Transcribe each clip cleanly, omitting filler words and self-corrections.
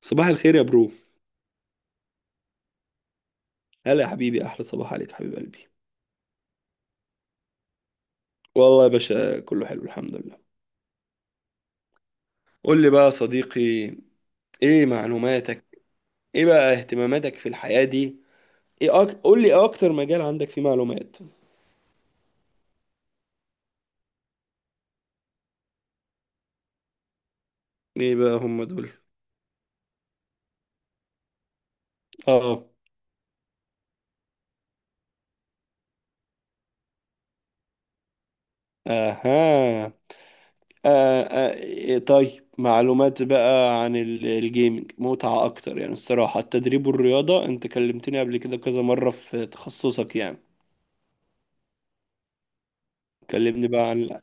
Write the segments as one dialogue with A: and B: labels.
A: صباح الخير يا برو. هلا يا حبيبي، احلى صباح عليك حبيب قلبي. والله يا باشا كله حلو الحمد لله. قول لي بقى يا صديقي، ايه معلوماتك؟ ايه بقى اهتماماتك في الحياة دي؟ قول لي ايه اكتر مجال عندك فيه معلومات؟ ايه بقى هم دول؟ اه. اها. آه. آه. إيه، طيب معلومات بقى عن الجيمنج متعة اكتر، يعني الصراحة التدريب والرياضة انت كلمتني قبل كده كذا مرة في تخصصك يعني. كلمني بقى عن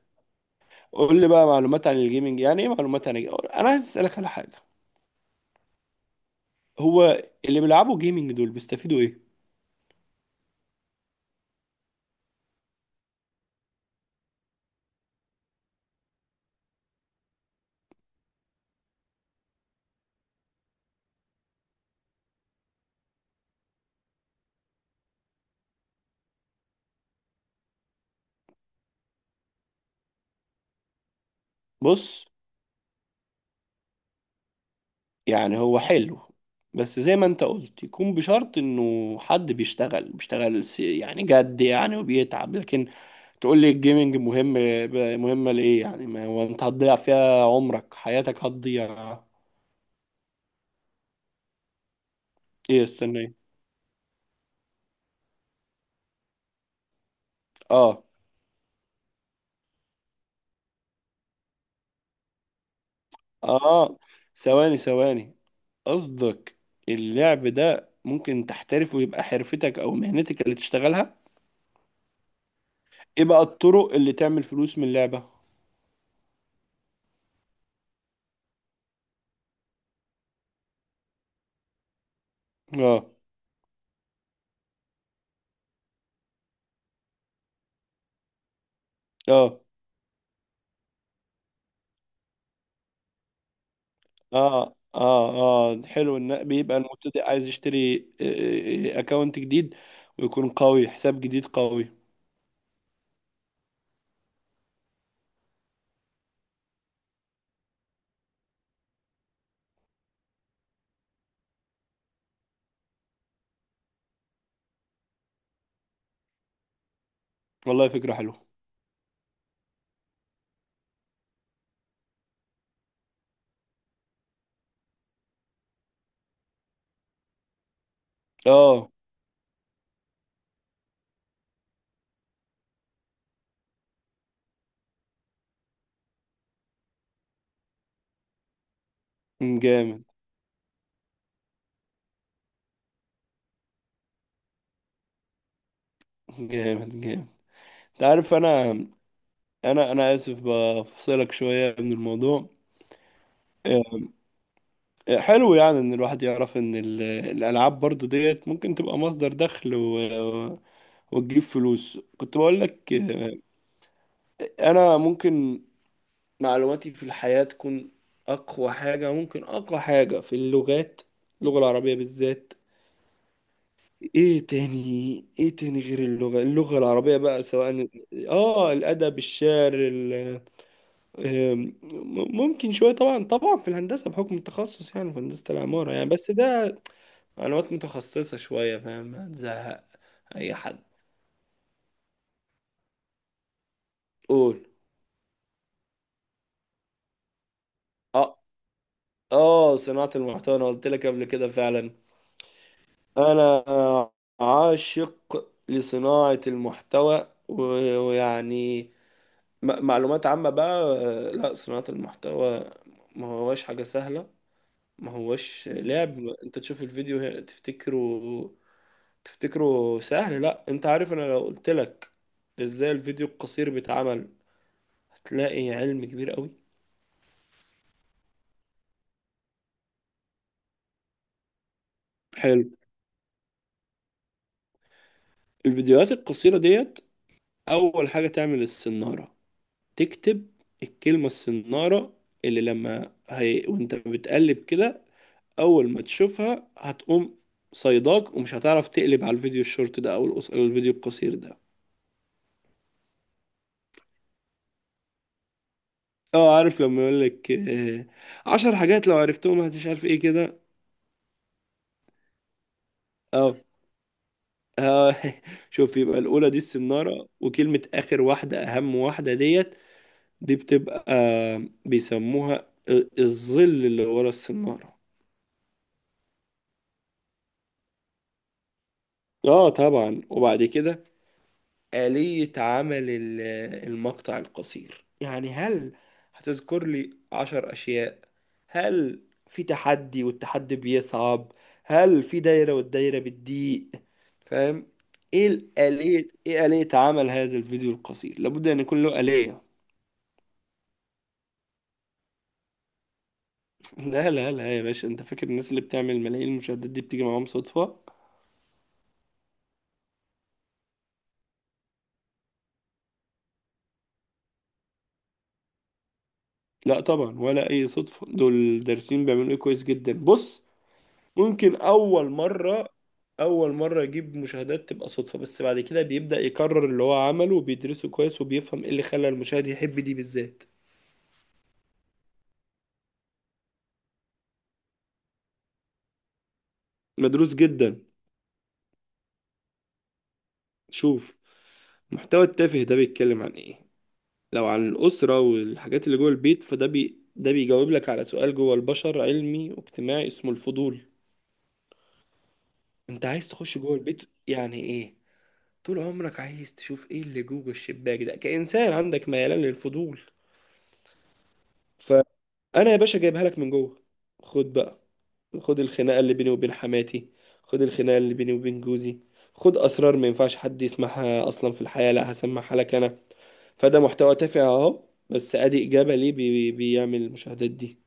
A: قول لي بقى معلومات عن الجيمنج، يعني ايه معلومات عن الجيمنج؟ انا عايز اسالك على حاجه. هو اللي بيلعبوا جيمنج دول بيستفيدوا ايه؟ بص. يعني هو حلو، بس زي ما انت قلت يكون بشرط انه حد بيشتغل يعني جد يعني، وبيتعب. لكن تقول لي الجيمنج مهم، مهمه لايه؟ يعني ما هو انت هتضيع فيها عمرك، حياتك هتضيع. ايه؟ استنى إيه؟ اه، اه، ثواني ثواني، قصدك اللعب ده ممكن تحترف ويبقى حرفتك او مهنتك اللي تشتغلها؟ ايه بقى الطرق اللي تعمل فلوس من اللعبة؟ اه، اه، اه، اه، اه، حلو ان بيبقى المبتدئ عايز يشتري اكونت جديد ويكون قوي، حساب جديد قوي. والله فكرة حلوة. اه. جامد. جامد جامد. انت عارف انا اسف بفصلك شوية من الموضوع. آه، حلو يعني ان الواحد يعرف ان الالعاب برضو ديت ممكن تبقى مصدر دخل وتجيب فلوس، كنت بقول لك انا ممكن معلوماتي في الحياة تكون اقوى حاجة، ممكن اقوى حاجة في اللغات، اللغة العربية بالذات. ايه تاني، ايه تاني غير اللغة، اللغة العربية بقى سواء. اه، الادب، الشعر، آم، ممكن شوية. طبعا طبعا في الهندسة بحكم التخصص، يعني في هندسة العمارة يعني، بس ده معلومات متخصصة شوية، فاهم هتزهق. أي حد. قول. اه، اه، صناعة المحتوى، أنا قلت لك قبل كده فعلا. أنا عاشق لصناعة المحتوى ويعني معلومات عامة بقى. لا، صناعة المحتوى ما هواش حاجة سهلة، ما هواش لعب، انت تشوف الفيديو تفتكره سهل. لا، انت عارف انا لو قلت لك ازاي الفيديو القصير بيتعمل، هتلاقي علم كبير قوي. حلو، الفيديوهات القصيرة ديت أول حاجة تعمل السنارة، تكتب الكلمة السنارة، وانت بتقلب كده أول ما تشوفها هتقوم صيداك، ومش هتعرف تقلب على الفيديو الشورت ده أو الفيديو القصير ده. اه، عارف لما يقولك 10 حاجات لو عرفتهم هتش عارف ايه كده. اه. آه، شوف، يبقى الأولى دي السنارة، وكلمة آخر واحدة أهم واحدة ديت، دي بتبقى بيسموها الظل اللي ورا السنارة. اه طبعا، وبعد كده آلية عمل المقطع القصير، يعني هل هتذكر لي 10 أشياء؟ هل في تحدي والتحدي بيصعب؟ هل في دايرة والدايرة بتضيق؟ فاهم؟ ايه الآلية، ايه آلية عمل هذا الفيديو القصير؟ لابد ان يكون له آلية. لا، لا، لا يا باشا، انت فاكر الناس اللي بتعمل ملايين المشاهدات دي بتيجي معاهم صدفة؟ لا طبعا، ولا اي صدفه، دول الدارسين بيعملوا ايه كويس جدا. بص، ممكن اول مره يجيب مشاهدات تبقى صدفه، بس بعد كده بيبدا يكرر اللي هو عمله وبيدرسه كويس وبيفهم ايه اللي خلى المشاهد يحب دي بالذات. مدروس جدا. شوف، محتوى التافه ده بيتكلم عن ايه؟ لو عن الاسره والحاجات اللي جوه البيت، فده ده بيجاوب لك على سؤال جوه البشر علمي واجتماعي اسمه الفضول. انت عايز تخش جوه البيت، يعني ايه؟ طول عمرك عايز تشوف ايه اللي جوه الشباك ده، كإنسان عندك ميلان للفضول. فأنا يا باشا جايبها لك من جوه، خد بقى، خد الخناقة اللي بيني وبين حماتي، خد الخناقة اللي بيني وبين جوزي، خد أسرار ما ينفعش حد يسمعها أصلا في الحياة، لا هسمعها لك أنا. فده محتوى تافه أهو، بس أدي إجابة ليه بيعمل المشاهدات دي.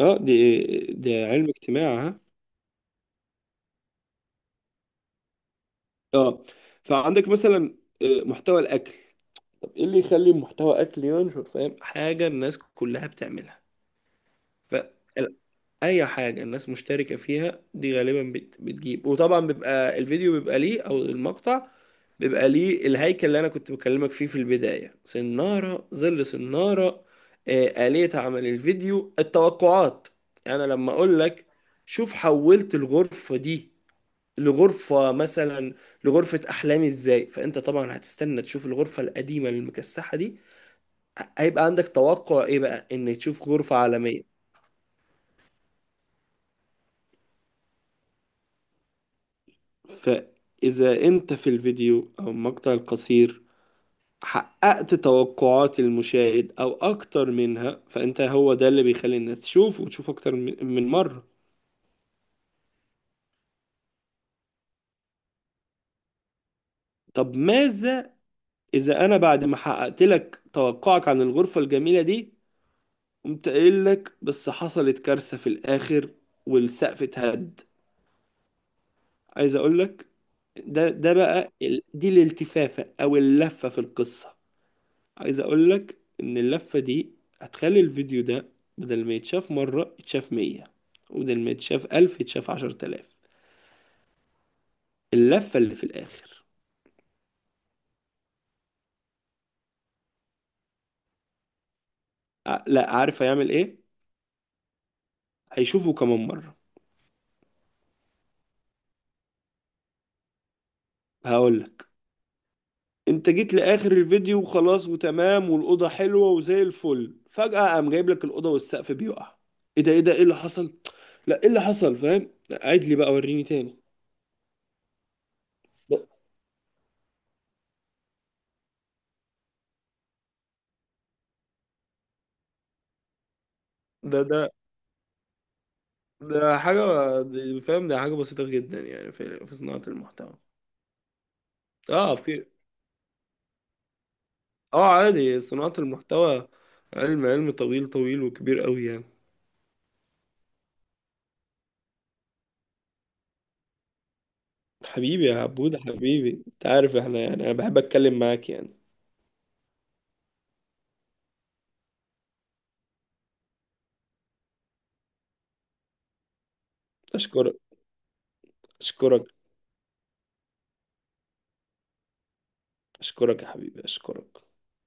A: اه دي علم اجتماع ها. اه، فعندك مثلا محتوى الأكل، طب ايه اللي يخلي محتوى اكل ينشر؟ فاهم، حاجه الناس كلها بتعملها، ف اي حاجه الناس مشتركه فيها دي غالبا بتجيب، وطبعا بيبقى الفيديو بيبقى ليه او المقطع بيبقى ليه الهيكل اللي انا كنت بكلمك فيه في البدايه، سناره، ظل سناره، آلية عمل الفيديو، التوقعات. يعني انا لما اقول لك شوف حولت الغرفه دي لغرفه، مثلا لغرفه احلامي ازاي، فانت طبعا هتستنى تشوف الغرفه القديمه المكسحه دي، هيبقى عندك توقع ايه بقى، ان تشوف غرفه عالميه. فإذا أنت في الفيديو أو المقطع القصير حققت توقعات المشاهد أو أكتر منها، فأنت هو ده اللي بيخلي الناس تشوف وتشوف أكتر من مرة. طب ماذا إذا أنا بعد ما حققت لك توقعك عن الغرفة الجميلة دي، قمت قايل لك بس حصلت كارثة في الآخر والسقف اتهد. عايز أقول لك، ده بقى دي الالتفافة أو اللفة في القصة. عايز اقول لك ان اللفة دي هتخلي الفيديو ده بدل ما يتشاف مرة يتشاف 100، وبدل ما يتشاف 1000 يتشاف 10,000. اللفة اللي في الآخر، لا، عارف هيعمل ايه؟ هيشوفه كمان مرة. هقول لك، انت جيت لآخر الفيديو وخلاص وتمام والأوضة حلوة وزي الفل، فجأة قام جايب لك الأوضة والسقف بيقع. ايه ده، ايه ده، ايه اللي حصل؟ لا، ايه اللي حصل، فاهم؟ عيد لي بقى، وريني تاني. ده ده ده ده حاجة، فاهم، ده حاجة بسيطة جدا يعني في صناعة المحتوى. اه، في، اه، عادي، صناعة المحتوى علم، علم طويل طويل وكبير قوي يعني. حبيبي يا عبود حبيبي، انت عارف احنا يعني، انا بحب اتكلم معاك يعني. اشكرك. اشكرك. اشكرك يا حبيبي. اشكرك.